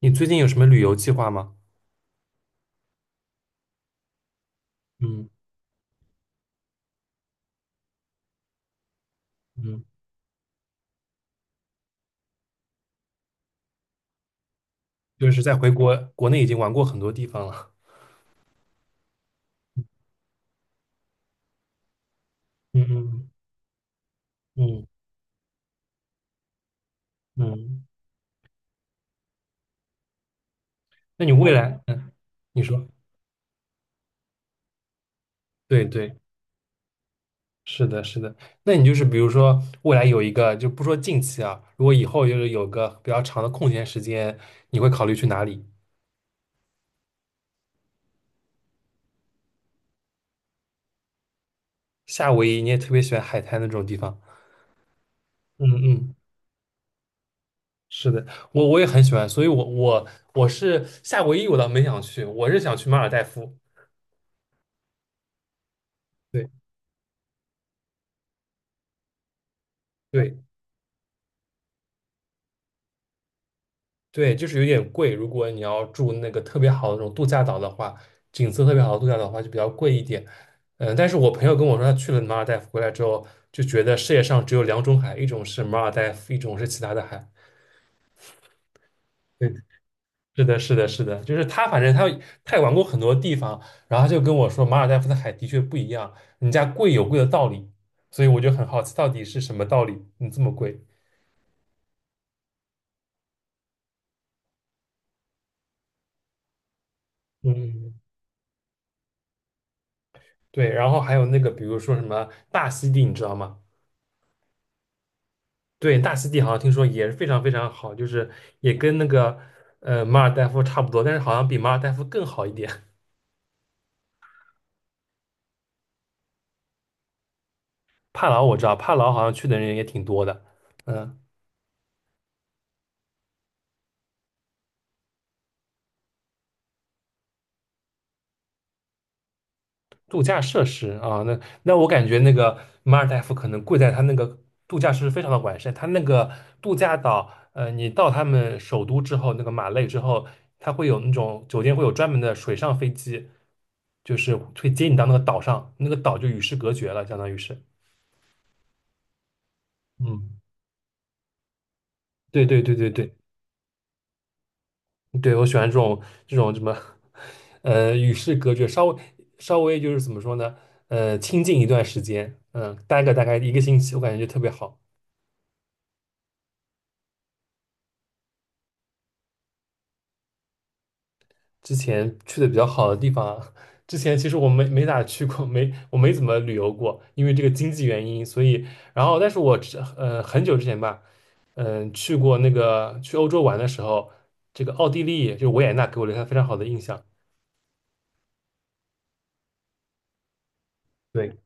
你最近有什么旅游计划吗？嗯嗯，就是在回国，国内已经玩过很多地方了。嗯嗯嗯嗯。那你未来，嗯，你说，对对，是的，是的。那你就是比如说未来有一个，就不说近期啊，如果以后就是有个比较长的空闲时间，你会考虑去哪里？夏威夷，你也特别喜欢海滩那种地方。嗯嗯，是的，我也很喜欢，所以我是夏威夷，我倒没想去，我是想去马尔代夫。对对。对，就是有点贵。如果你要住那个特别好的那种度假岛的话，景色特别好的度假岛的话，就比较贵一点。嗯，但是我朋友跟我说，他去了马尔代夫回来之后，就觉得世界上只有两种海，一种是马尔代夫，一种是其他的海。对，是的，是的，是的，就是他，反正他也玩过很多地方，然后他就跟我说，马尔代夫的海的确不一样，人家贵有贵的道理，所以我就很好奇，到底是什么道理，你这么贵？嗯，对，然后还有那个，比如说什么大溪地，你知道吗？对，大溪地好像听说也是非常非常好，就是也跟那个马尔代夫差不多，但是好像比马尔代夫更好一点。帕劳我知道，帕劳好像去的人也挺多的。嗯、度假设施啊，那我感觉那个马尔代夫可能贵在它那个度假设施非常的完善，它那个度假岛，你到他们首都之后，那个马累之后，它会有那种酒店会有专门的水上飞机，就是会接你到那个岛上，那个岛就与世隔绝了，相当于是。嗯，对对对对对。对，我喜欢这种这种什么，与世隔绝，稍微就是怎么说呢，清静一段时间，嗯、待个大概一个星期，我感觉就特别好。之前去的比较好的地方啊，之前其实我没咋去过，没我没怎么旅游过，因为这个经济原因，所以然后但是我很久之前吧，嗯、去过那个去欧洲玩的时候，这个奥地利就维也纳给我留下非常好的印象。对，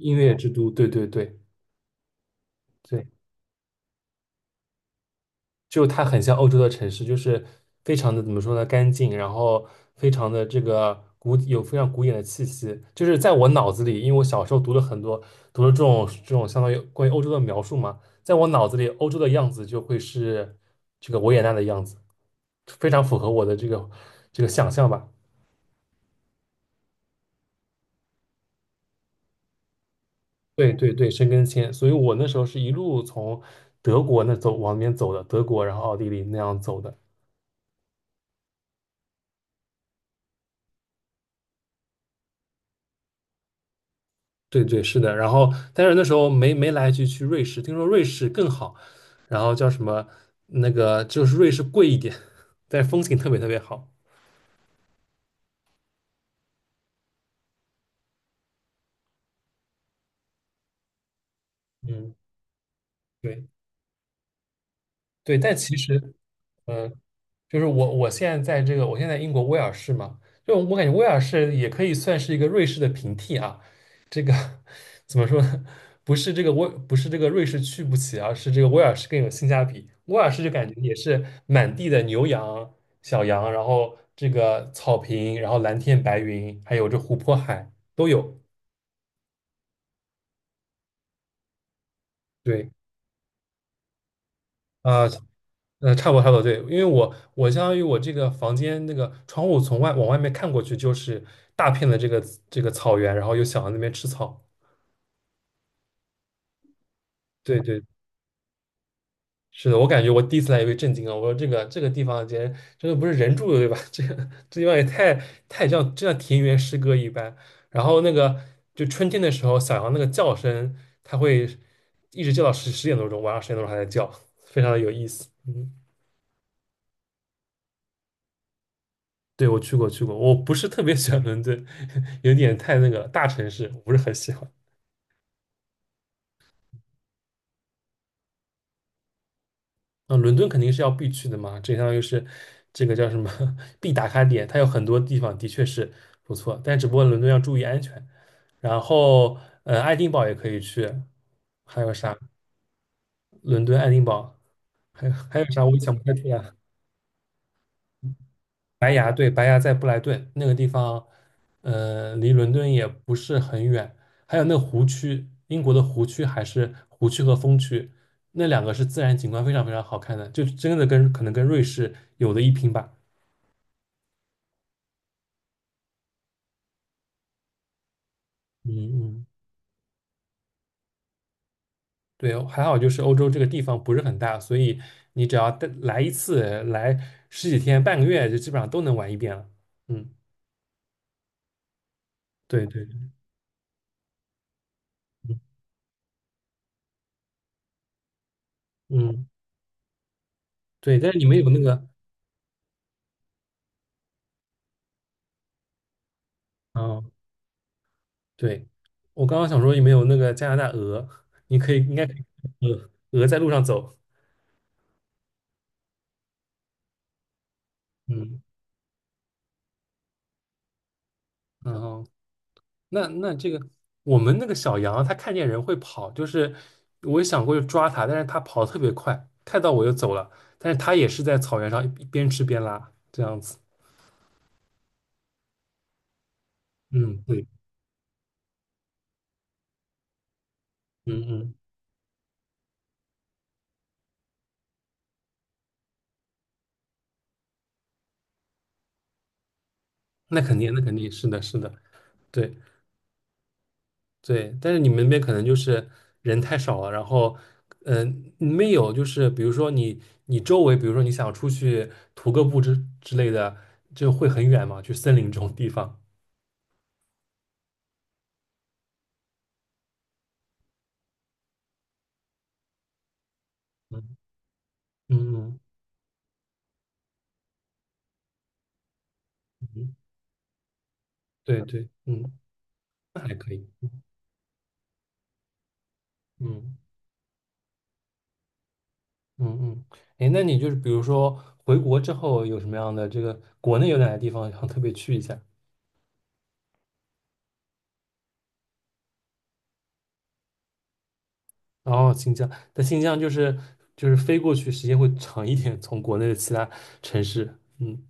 音乐之都，对对对。对，就它很像欧洲的城市，就是非常的怎么说呢，干净，然后非常的这个古，有非常古典的气息。就是在我脑子里，因为我小时候读了很多，读了这种相当于关于欧洲的描述嘛，在我脑子里，欧洲的样子就会是这个维也纳的样子，非常符合我的这个想象吧。对对对，申根签，所以我那时候是一路从德国那走往那边走的，德国然后奥地利那样走的。对对，是的。然后，但是那时候没来得及去瑞士，听说瑞士更好，然后叫什么那个就是瑞士贵一点，但是风景特别特别好。嗯，对对，但其实嗯，就是我现在在这个，我现在英国威尔士嘛，就我感觉威尔士也可以算是一个瑞士的平替啊。这个 怎么说呢？不是这个威，不是这个瑞士去不起而是这个威尔士更有性价比。威尔士就感觉也是满地的牛羊、小羊，然后这个草坪，然后蓝天白云，还有这湖泊海都有。对，啊、嗯，差不多差不多，对，因为我相当于我这个房间那个窗户从外往外面看过去就是大片的这个草原，然后又想到那边吃草。对对，是的，我感觉我第一次来也被震惊了，我说这个地方简直真的不是人住的对吧？这个这地方也太像，就像田园诗歌一般。然后那个就春天的时候，小羊那个叫声，它会一直叫到十点多钟，晚上十点多钟还在叫，非常的有意思。嗯，对，我去过，我不是特别喜欢伦敦，有点太那个大城市，我不是很喜欢。啊，伦敦肯定是要必去的嘛，这相当于是这个叫什么 必打卡点，它有很多地方的确是不错，但只不过伦敦要注意安全。然后，爱丁堡也可以去，还有啥？伦敦、爱丁堡，还有还有啥？我想不太出来。白崖，对，白崖在布莱顿那个地方，离伦敦也不是很远。还有那个湖区，英国的湖区还是湖区和风区，那两个是自然景观非常非常好看的，就真的跟可能跟瑞士有的一拼吧。嗯嗯，对，还好就是欧洲这个地方不是很大，所以你只要带来一次，来十几天、半个月，就基本上都能玩一遍了。嗯，对对，嗯嗯，对。但是你们有那个，嗯、对，我刚刚想说有没有那个加拿大鹅，你可以应该可以鹅鹅在路上走。嗯，然后那这个我们那个小羊它看见人会跑，就是我也想过去抓它，但是它跑得特别快，看到我就走了，但是它也是在草原上一边吃边拉这样子。嗯，对，嗯嗯，那肯定是的是的，对。对，但是你们那边可能就是人太少了，然后，嗯、没有就是比如说你，你周围，比如说你想出去徒个步之类的，就会很远嘛，去森林这种地方。嗯嗯嗯，对对，嗯，那还可以。嗯嗯嗯，哎，那你就是比如说回国之后有什么样的这个国内有哪些地方想特别去一下？哦，新疆，但新疆就是飞过去时间会长一点，从国内的其他城市。嗯，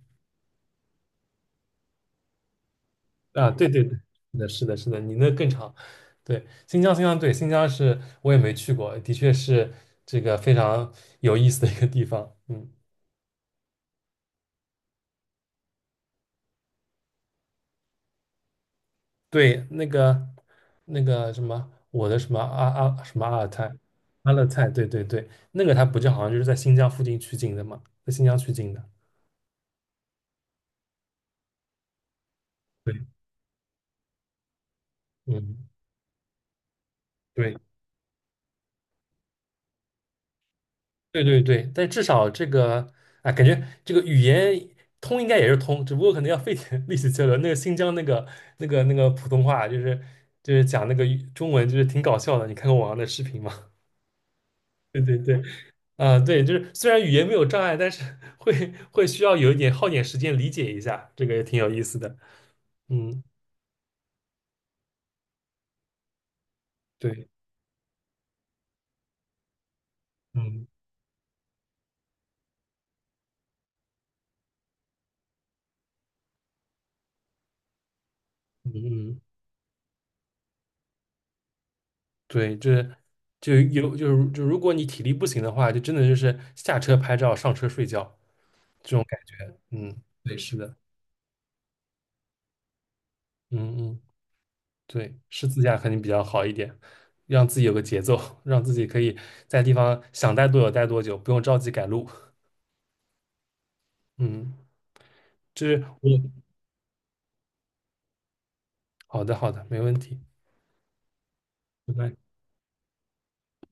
啊，对对对，是的，是的，是的，你那更长。对，新疆，新疆，对，新疆是我也没去过，的确是这个非常有意思的一个地方。嗯，对，那个那个什么，我的什么阿什么阿尔泰。阿勒泰，对对对，那个它不就好像就是在新疆附近取景的嘛，在新疆取景的。对，嗯，对。对对对，但至少这个啊，感觉这个语言通应该也是通，只不过可能要费点 力气交流。那个新疆那个那个普通话，就是就是讲那个语中文，就是挺搞笑的。你看过网上的视频吗？对对对，啊、对，就是虽然语言没有障碍，但是 会需要有一点耗点时间理解一下，这个也挺有意思的。嗯，对，嗯嗯嗯，对，就是就有就是就如果你体力不行的话，就真的就是下车拍照，上车睡觉。这种。嗯，对，是的，嗯嗯，对，是自驾肯定比较好一点，让自己有个节奏，让自己可以在地方想待多久待多久，不用着急赶路。嗯，就是我，好的好的，没问题。拜拜。